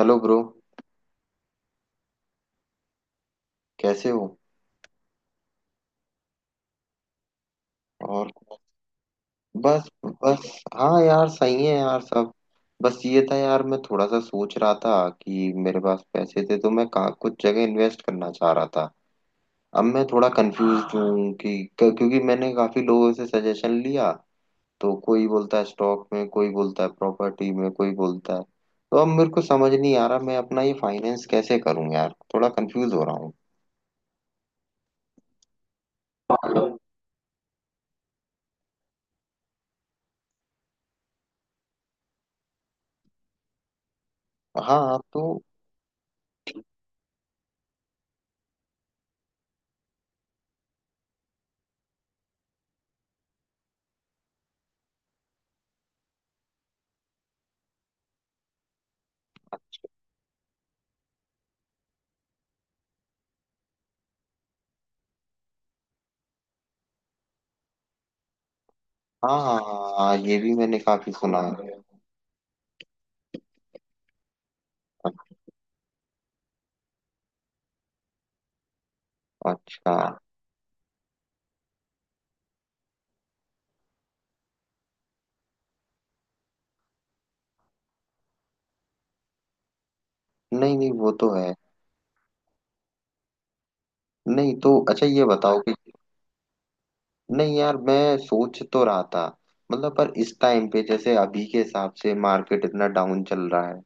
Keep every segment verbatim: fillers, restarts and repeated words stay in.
Hello bro, कैसे हो? और बस बस। हाँ यार, सही है यार सब। बस ये था यार, मैं थोड़ा सा सोच रहा था कि मेरे पास पैसे थे तो मैं कहाँ कुछ जगह इन्वेस्ट करना चाह रहा था। अब मैं थोड़ा कंफ्यूज हूँ कि क- क्योंकि मैंने काफी लोगों से सजेशन लिया। तो कोई बोलता है स्टॉक में, कोई बोलता है प्रॉपर्टी में, कोई बोलता है। तो अब मेरे को समझ नहीं आ रहा मैं अपना ये फाइनेंस कैसे करूँ यार, थोड़ा कंफ्यूज हो रहा हूँ। हाँ तो। हाँ हाँ हाँ हाँ, ये भी मैंने काफी सुना है। अच्छा। नहीं नहीं, वो तो है। नहीं तो अच्छा ये बताओ कि। नहीं यार, मैं सोच तो रहा था। मतलब पर इस टाइम पे जैसे अभी के हिसाब से मार्केट इतना डाउन चल रहा है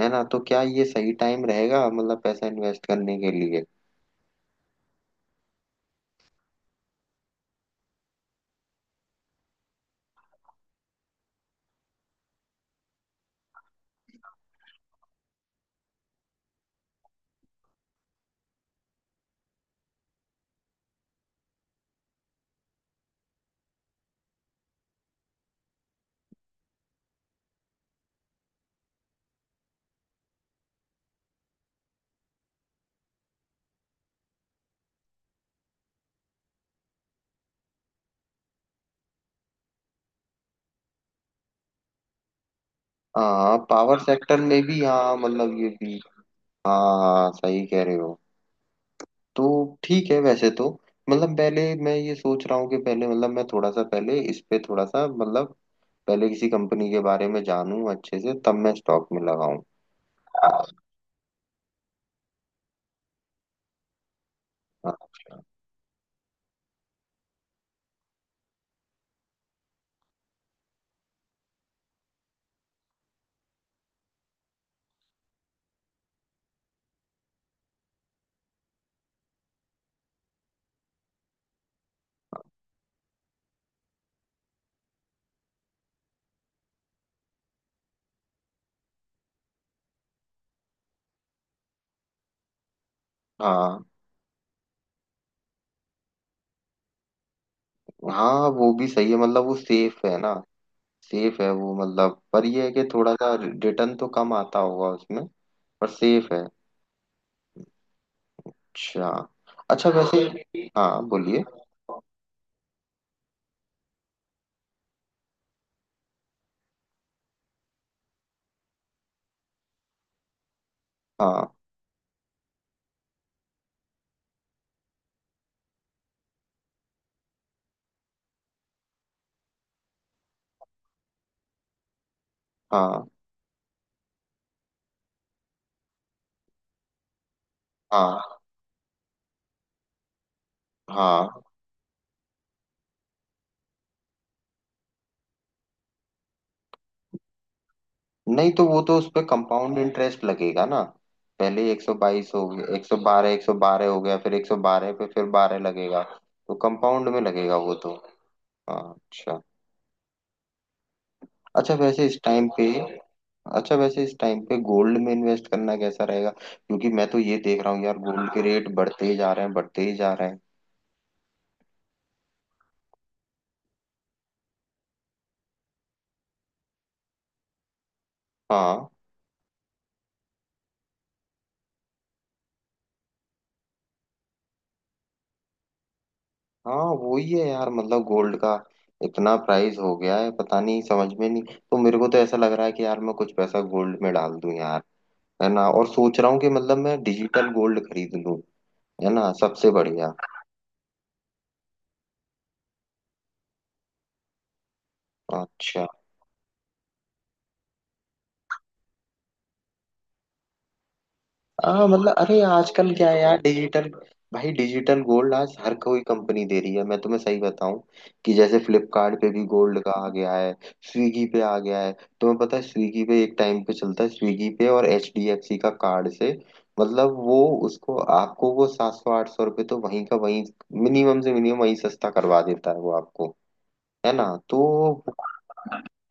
है ना, तो क्या ये सही टाइम रहेगा मतलब पैसा इन्वेस्ट करने के लिए? हाँ पावर सेक्टर में भी हाँ, मतलब ये भी। हाँ सही कह रहे हो। तो ठीक है वैसे तो। मतलब पहले मैं ये सोच रहा हूँ कि पहले, मतलब मैं थोड़ा सा पहले इस पे थोड़ा सा मतलब पहले किसी कंपनी के बारे में जानूं अच्छे से, तब मैं स्टॉक में लगाऊं। हाँ। हाँ वो भी सही है, मतलब वो सेफ है ना। सेफ है वो, मतलब पर ये है कि थोड़ा सा रिटर्न तो कम आता होगा उसमें, पर सेफ है। अच्छा। अच्छा वैसे। हाँ बोलिए। हाँ। हाँ। हाँ। हाँ। नहीं तो वो तो उस पे कंपाउंड इंटरेस्ट लगेगा ना। पहले एक सौ बाईस हो गया, एक सौ बारह, एक सौ बारह हो गया, फिर एक सौ बारह पे फिर बारह लगेगा। तो कंपाउंड में लगेगा वो तो। हाँ अच्छा। अच्छा वैसे इस टाइम पे। अच्छा वैसे इस टाइम पे गोल्ड में इन्वेस्ट करना कैसा रहेगा? क्योंकि मैं तो ये देख रहा हूँ यार, गोल्ड के रेट बढ़ते ही जा रहे हैं, बढ़ते ही जा रहे हैं। हाँ। हाँ वही है यार, मतलब गोल्ड का इतना प्राइस हो गया है, पता नहीं, समझ में नहीं। तो मेरे को तो ऐसा लग रहा है कि यार, मैं कुछ पैसा गोल्ड में डाल दूं यार। है ना? और सोच रहा हूँ कि मतलब मैं डिजिटल गोल्ड खरीद लूं। है ना, सबसे बढ़िया। अच्छा। हाँ मतलब अरे आजकल क्या है यार डिजिटल, भाई डिजिटल गोल्ड आज हर कोई कंपनी दे रही है, मैं तुम्हें सही बताऊं कि जैसे फ्लिपकार्ट पे भी गोल्ड का आ गया है। स्विगी पे आ गया है। तुम्हें पता है स्विगी पे एक टाइम पे चलता है, स्विगी पे और एच डी एफ सी का कार्ड से, मतलब वो उसको आपको वो सात सौ आठ सौ रुपये तो वहीं का वहीं, मिनिमम से मिनिमम वहीं सस्ता करवा देता है वो आपको। है ना? तो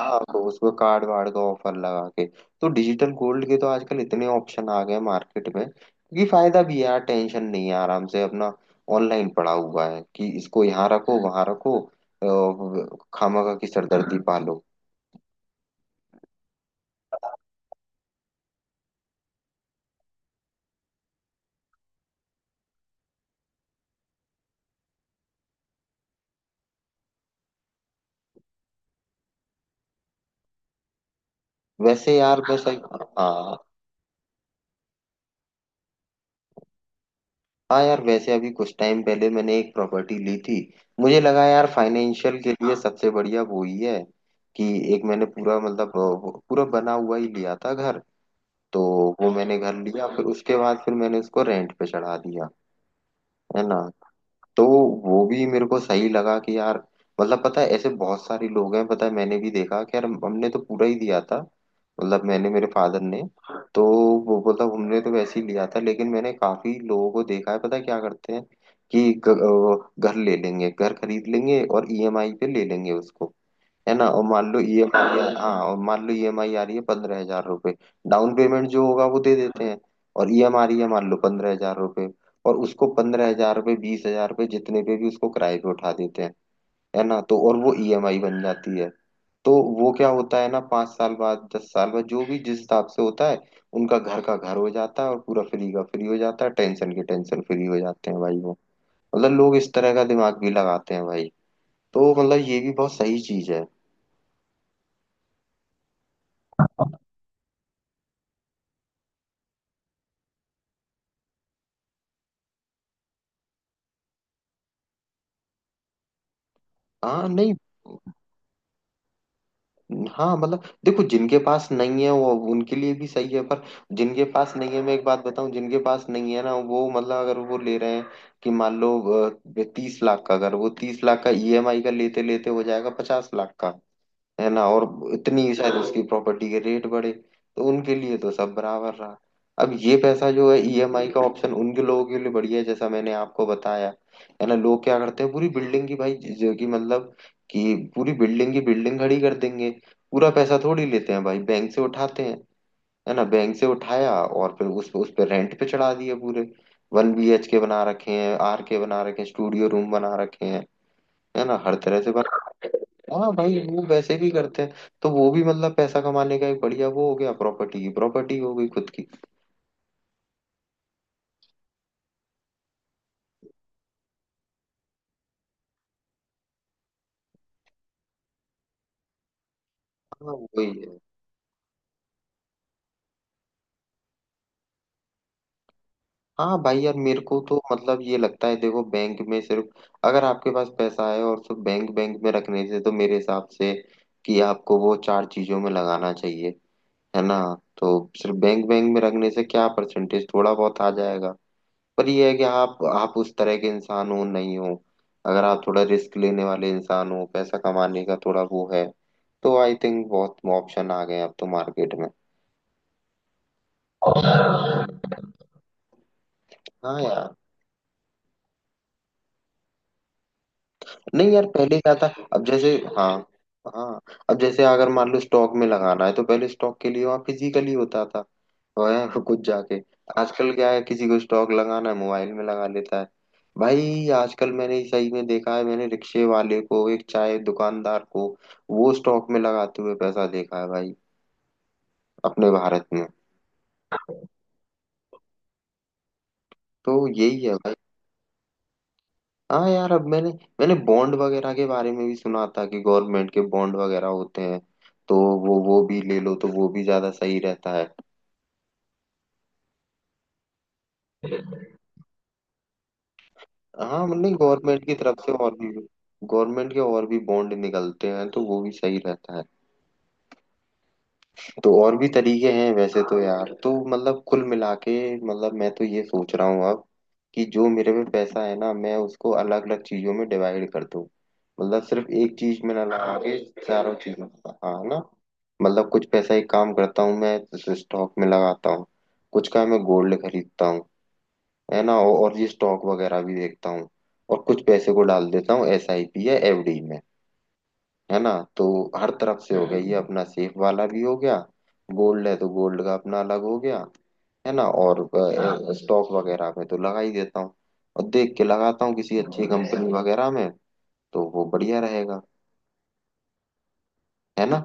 हाँ तो उसमें कार्ड वार्ड का ऑफर लगा के, तो डिजिटल गोल्ड के तो आजकल इतने ऑप्शन आ गए मार्केट में, क्योंकि फायदा भी है यार, टेंशन नहीं है, आराम से अपना ऑनलाइन पड़ा हुआ है कि इसको यहाँ रखो वहां रखो, अ, खामखा की सरदर्दी पालो। वैसे यार बस। हाँ। हाँ यार वैसे अभी कुछ टाइम पहले मैंने एक प्रॉपर्टी ली थी। मुझे लगा यार फाइनेंशियल के लिए सबसे बढ़िया वो ही है कि एक मैंने पूरा मतलब अ, पूरा बना हुआ ही लिया था घर। तो वो मैंने घर लिया, फिर उसके बाद फिर मैंने उसको रेंट पे चढ़ा दिया। है ना? तो वो भी मेरे को सही लगा कि यार, मतलब पता है ऐसे बहुत सारे लोग हैं, पता है, मैंने भी देखा कि यार हम- हमने तो पूरा ही दिया था, मतलब मैंने, मेरे फादर ने। तो वो मतलब हमने तो वैसे ही लिया था, लेकिन मैंने काफी लोगों को देखा है, पता है क्या करते हैं कि ग- अ, घर ले लेंगे, घर खरीद लेंगे और ई एम आई पे ले लेंगे उसको। है ना? और मान लो ई एम आई, हाँ और मान लो ईएमआई आ रही है पंद्रह हजार रुपये। डाउन पेमेंट जो होगा वो दे देते हैं। और ईएम आ रही है मान लो पंद्रह हजार रुपये, और उसको पंद्रह हजार रुपये बीस हजार रुपये जितने पे भी उसको किराए पे उठा देते हैं। है ना? तो और वो ई एम आई बन जाती है। तो वो क्या होता है ना, पाँच साल बाद, दस साल बाद, जो भी जिस हिसाब से होता है, उनका घर का घर हो जाता है और पूरा फ्री का फ्री हो जाता है, टेंशन के टेंशन फ्री हो जाते हैं भाई वो। मतलब लोग इस तरह का दिमाग भी लगाते हैं भाई। तो मतलब ये भी बहुत सही चीज है। हाँ नहीं। हाँ मतलब देखो, जिनके पास नहीं है वो उनके लिए भी सही है, पर जिनके पास नहीं है, मैं एक बात बताऊं, जिनके पास नहीं है ना वो, मतलब अगर वो ले रहे हैं कि मान लो तीस लाख का, अगर वो तीस लाख का ई एम आई का लेते लेते हो जाएगा पचास लाख का। है ना? और इतनी शायद उसकी प्रॉपर्टी के रेट बढ़े, तो उनके लिए तो सब बराबर रहा। अब ये पैसा जो है ई एम आई का ऑप्शन उनके लोगों के लिए बढ़िया है, जैसा मैंने आपको बताया। है ना? लोग क्या करते हैं पूरी बिल्डिंग की भाई, जो कि मतलब कि पूरी बिल्डिंग की बिल्डिंग खड़ी कर देंगे। पूरा पैसा थोड़ी लेते हैं भाई, बैंक से उठाते हैं। है ना? बैंक से उठाया और फिर उस उस पर रेंट पे चढ़ा दिए पूरे। वन बी एच के बना रखे हैं, आर के बना रखे हैं, स्टूडियो रूम बना रखे हैं। है ना? हर तरह से बना। हाँ भाई वो वैसे भी करते हैं। तो वो भी मतलब पैसा कमाने का एक बढ़िया वो हो गया, प्रॉपर्टी की प्रॉपर्टी हो गई खुद की। हाँ वही है। हाँ भाई यार मेरे को तो मतलब ये लगता है, देखो बैंक में सिर्फ अगर आपके पास पैसा है और सिर्फ बैंक बैंक में रखने से तो मेरे हिसाब से कि आपको वो चार चीजों में लगाना चाहिए। है ना? तो सिर्फ बैंक बैंक में रखने से क्या परसेंटेज थोड़ा बहुत आ जाएगा। पर ये है कि आप आप उस तरह के इंसान हो नहीं हो। अगर आप थोड़ा रिस्क लेने वाले इंसान हो, पैसा कमाने का थोड़ा वो है, तो आई थिंक बहुत ऑप्शन आ गए अब तो मार्केट में। हाँ यार। नहीं यार पहले क्या था। अब जैसे। हाँ। हाँ। अब जैसे अगर मान लो स्टॉक में लगाना है, तो पहले स्टॉक के लिए वहाँ फिजिकली होता था। वह कुछ जाके। आजकल क्या है, किसी को स्टॉक लगाना है मोबाइल में लगा लेता है। भाई आजकल मैंने सही में देखा है, मैंने रिक्शे वाले को, एक चाय दुकानदार को वो स्टॉक में लगाते हुए पैसा देखा है भाई, अपने भारत में। तो यही है भाई। हाँ यार अब मैंने, मैंने बॉन्ड वगैरह के बारे में भी सुना था कि गवर्नमेंट के बॉन्ड वगैरह होते हैं। तो वो वो भी ले लो तो वो भी ज्यादा सही रहता है। हाँ मतलब गवर्नमेंट की तरफ से और भी। गवर्नमेंट के और भी बॉन्ड निकलते हैं तो वो भी सही रहता है। तो और भी तरीके हैं वैसे तो यार, तो मतलब कुल मिला के मतलब मैं तो ये सोच रहा हूँ अब कि जो मेरे पे पैसा है ना, मैं उसको अलग अलग चीजों में डिवाइड कर दूँ। मतलब सिर्फ एक चीज में ना लगा के, चारों चीजों में लगा- हाँ ना। मतलब कुछ पैसा, एक काम करता हूँ मैं स्टॉक में लगाता हूँ, कुछ का मैं गोल्ड खरीदता हूँ। है ना? और और ये स्टॉक वगैरह भी देखता हूँ। और कुछ पैसे को डाल देता हूँ एस आई पी या एफ डी में। है ना? तो हर तरफ से हो गया ये, हम्म, अपना सेफ वाला भी हो गया। गोल्ड है तो गोल्ड का अपना अलग हो गया। है ना? और हाँ स्टॉक वगैरह में तो लगा ही देता हूँ, और देख के लगाता हूँ किसी अच्छी कंपनी वगैरह में, तो वो बढ़िया रहेगा। है ना?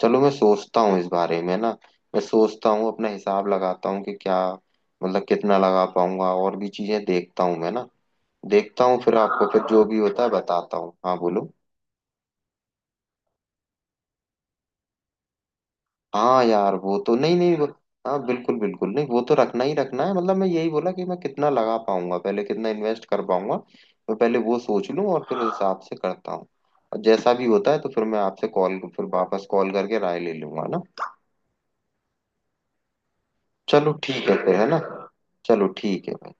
चलो मैं सोचता हूँ इस बारे में ना, मैं सोचता हूँ अपना हिसाब लगाता हूँ कि क्या मतलब कितना लगा पाऊंगा, और भी चीजें देखता हूँ मैं ना। देखता हूँ फिर आपको, फिर जो भी होता है बताता हूँ। हाँ बोलो। हाँ यार वो तो, नहीं नहीं वो हाँ बिल्कुल बिल्कुल, नहीं वो तो रखना ही रखना है। मतलब मैं यही बोला कि मैं कितना लगा पाऊंगा, पहले कितना इन्वेस्ट कर पाऊंगा, मैं पहले वो सोच लूँ और फिर उस हिसाब से करता हूँ। और जैसा भी होता है तो फिर मैं आपसे कॉल, फिर वापस कॉल करके राय ले लूंगा ना। चलो ठीक है फिर, है ना? चलो ठीक है।